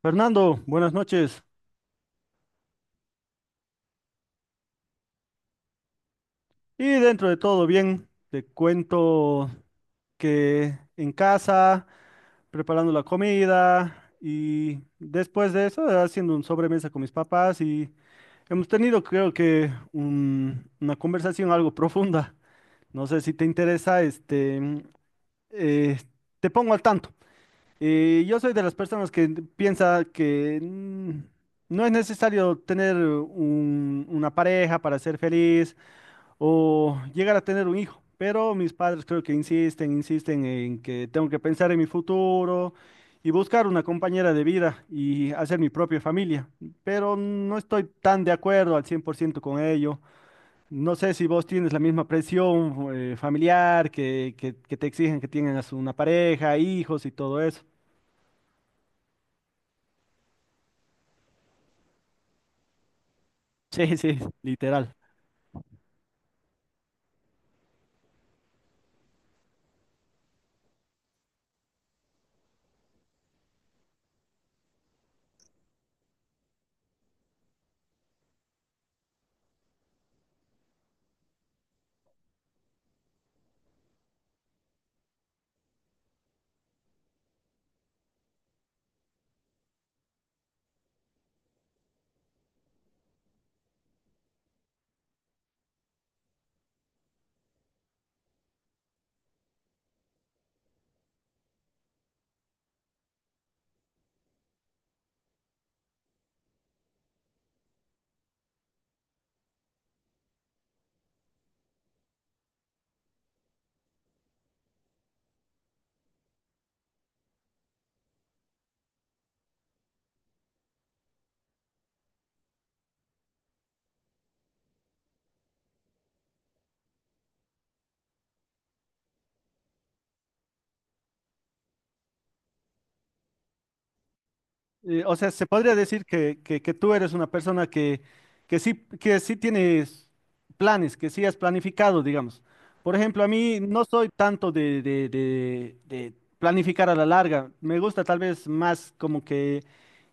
Fernando, buenas noches. Y dentro de todo bien, te cuento que en casa, preparando la comida y después de eso, haciendo un sobremesa con mis papás y hemos tenido creo que una conversación algo profunda. No sé si te interesa, eh, te pongo al tanto. Yo soy de las personas que piensa que no es necesario tener una pareja para ser feliz o llegar a tener un hijo. Pero mis padres creo que insisten en que tengo que pensar en mi futuro y buscar una compañera de vida y hacer mi propia familia. Pero no estoy tan de acuerdo al 100% con ello. No sé si vos tienes la misma presión familiar que te exigen que tengas una pareja, hijos y todo eso. Sí, sí, literal. O sea, se podría decir que, que tú eres una persona que sí tienes planes, que sí has planificado, digamos. Por ejemplo, a mí no soy tanto de, de planificar a la larga. Me gusta tal vez más como que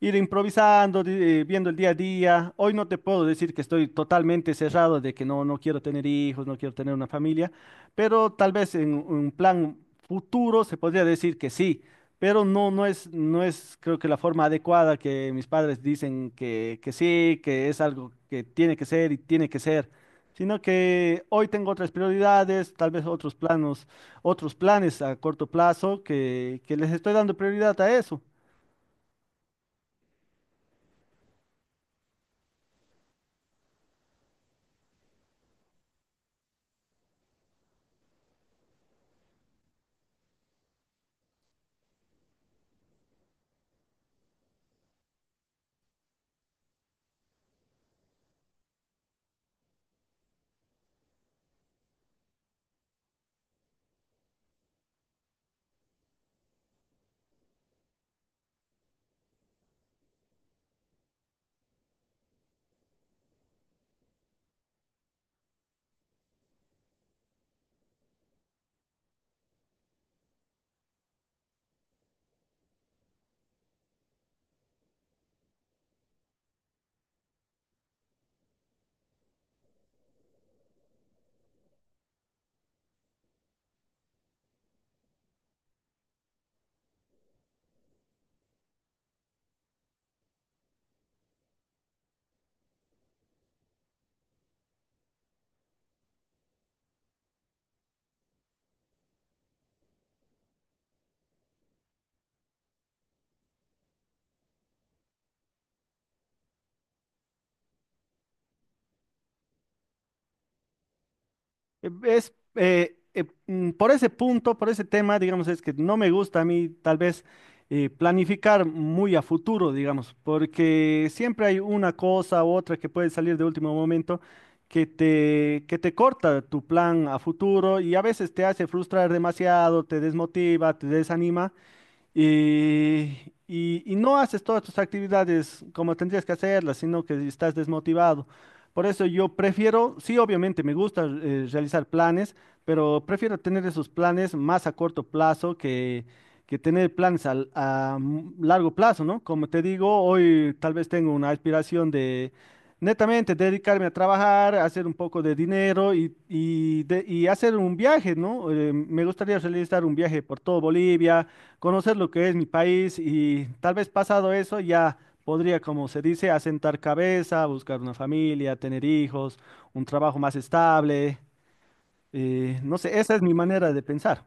ir improvisando, viendo el día a día. Hoy no te puedo decir que estoy totalmente cerrado de que no, no quiero tener hijos, no quiero tener una familia, pero tal vez en un plan futuro se podría decir que sí, pero no, no es, creo que la forma adecuada que mis padres dicen que sí, que es algo que tiene que ser y tiene que ser, sino que hoy tengo otras prioridades, tal vez otros planos, otros planes a corto plazo que les estoy dando prioridad a eso. Por ese punto, por ese tema, digamos, es que no me gusta a mí tal vez planificar muy a futuro, digamos, porque siempre hay una cosa u otra que puede salir de último momento que te corta tu plan a futuro y a veces te hace frustrar demasiado, te desmotiva, te desanima. Y, y no haces todas tus actividades como tendrías que hacerlas, sino que estás desmotivado. Por eso yo prefiero, sí, obviamente me gusta realizar planes, pero prefiero tener esos planes más a corto plazo que tener planes largo plazo, ¿no? Como te digo, hoy tal vez tengo una aspiración de netamente dedicarme a trabajar, hacer un poco de dinero y, y hacer un viaje, ¿no? Me gustaría realizar un viaje por todo Bolivia, conocer lo que es mi país y tal vez pasado eso ya podría, como se dice, asentar cabeza, buscar una familia, tener hijos, un trabajo más estable. No sé, esa es mi manera de pensar.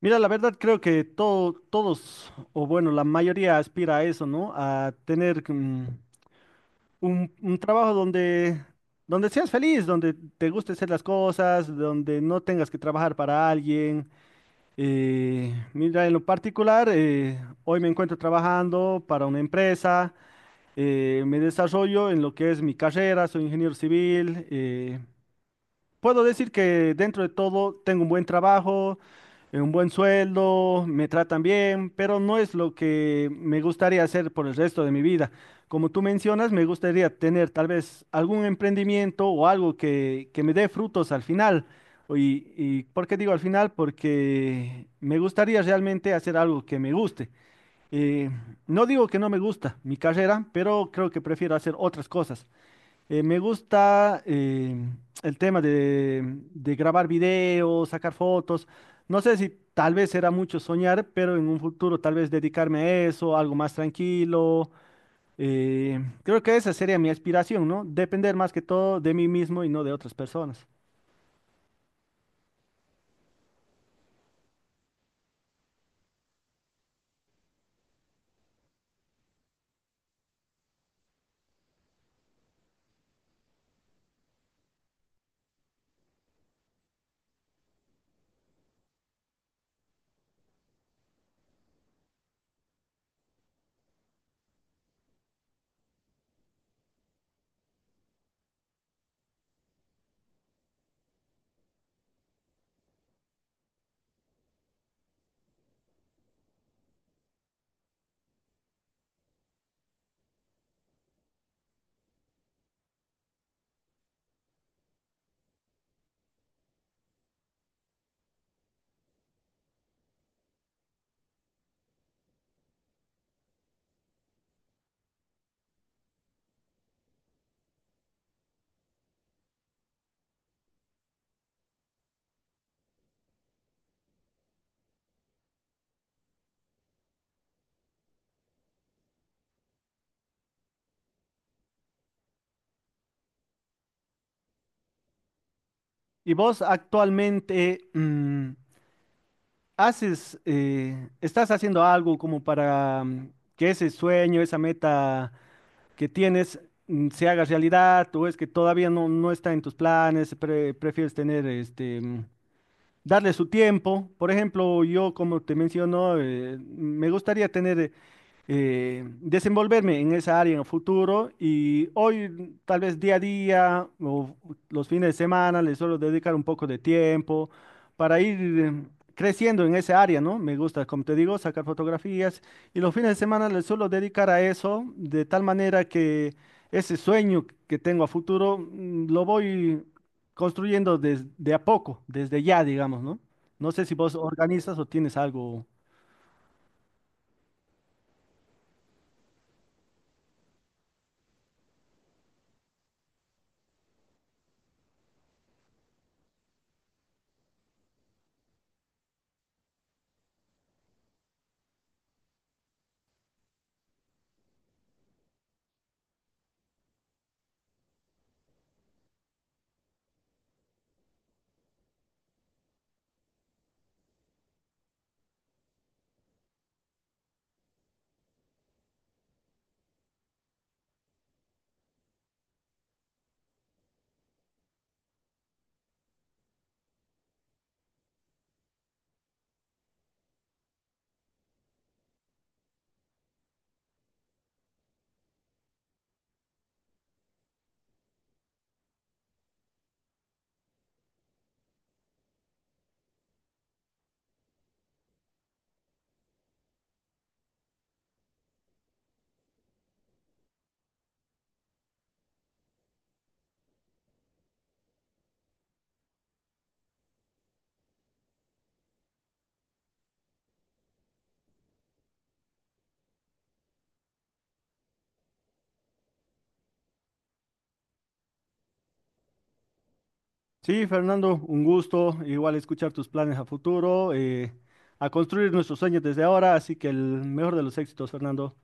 Mira, la verdad creo que todos, o bueno, la mayoría aspira a eso, ¿no? A tener un trabajo donde, donde seas feliz, donde te guste hacer las cosas, donde no tengas que trabajar para alguien. Mira, en lo particular, hoy me encuentro trabajando para una empresa, me desarrollo en lo que es mi carrera, soy ingeniero civil. Puedo decir que dentro de todo tengo un buen trabajo, un buen sueldo, me tratan bien, pero no es lo que me gustaría hacer por el resto de mi vida. Como tú mencionas, me gustaría tener tal vez algún emprendimiento o algo que me dé frutos al final. Y, ¿y por qué digo al final? Porque me gustaría realmente hacer algo que me guste. Eh, no digo que no me gusta mi carrera, pero creo que prefiero hacer otras cosas. Me gusta el tema de grabar videos, sacar fotos. No sé si tal vez será mucho soñar, pero en un futuro tal vez dedicarme a eso, algo más tranquilo. Creo que esa sería mi aspiración, ¿no? Depender más que todo de mí mismo y no de otras personas. ¿Y vos actualmente haces, estás haciendo algo como para que ese sueño, esa meta que tienes se haga realidad o es que todavía no, no está en tus planes, prefieres tener darle su tiempo? Por ejemplo, yo como te menciono, me gustaría tener desenvolverme en esa área en el futuro y hoy tal vez día a día o los fines de semana les suelo dedicar un poco de tiempo para ir creciendo en esa área, ¿no? Me gusta, como te digo, sacar fotografías y los fines de semana les suelo dedicar a eso de tal manera que ese sueño que tengo a futuro lo voy construyendo desde de a poco, desde ya, digamos, ¿no? No sé si vos organizas o tienes algo. Sí, Fernando, un gusto igual escuchar tus planes a futuro, a construir nuestros sueños desde ahora, así que el mejor de los éxitos, Fernando.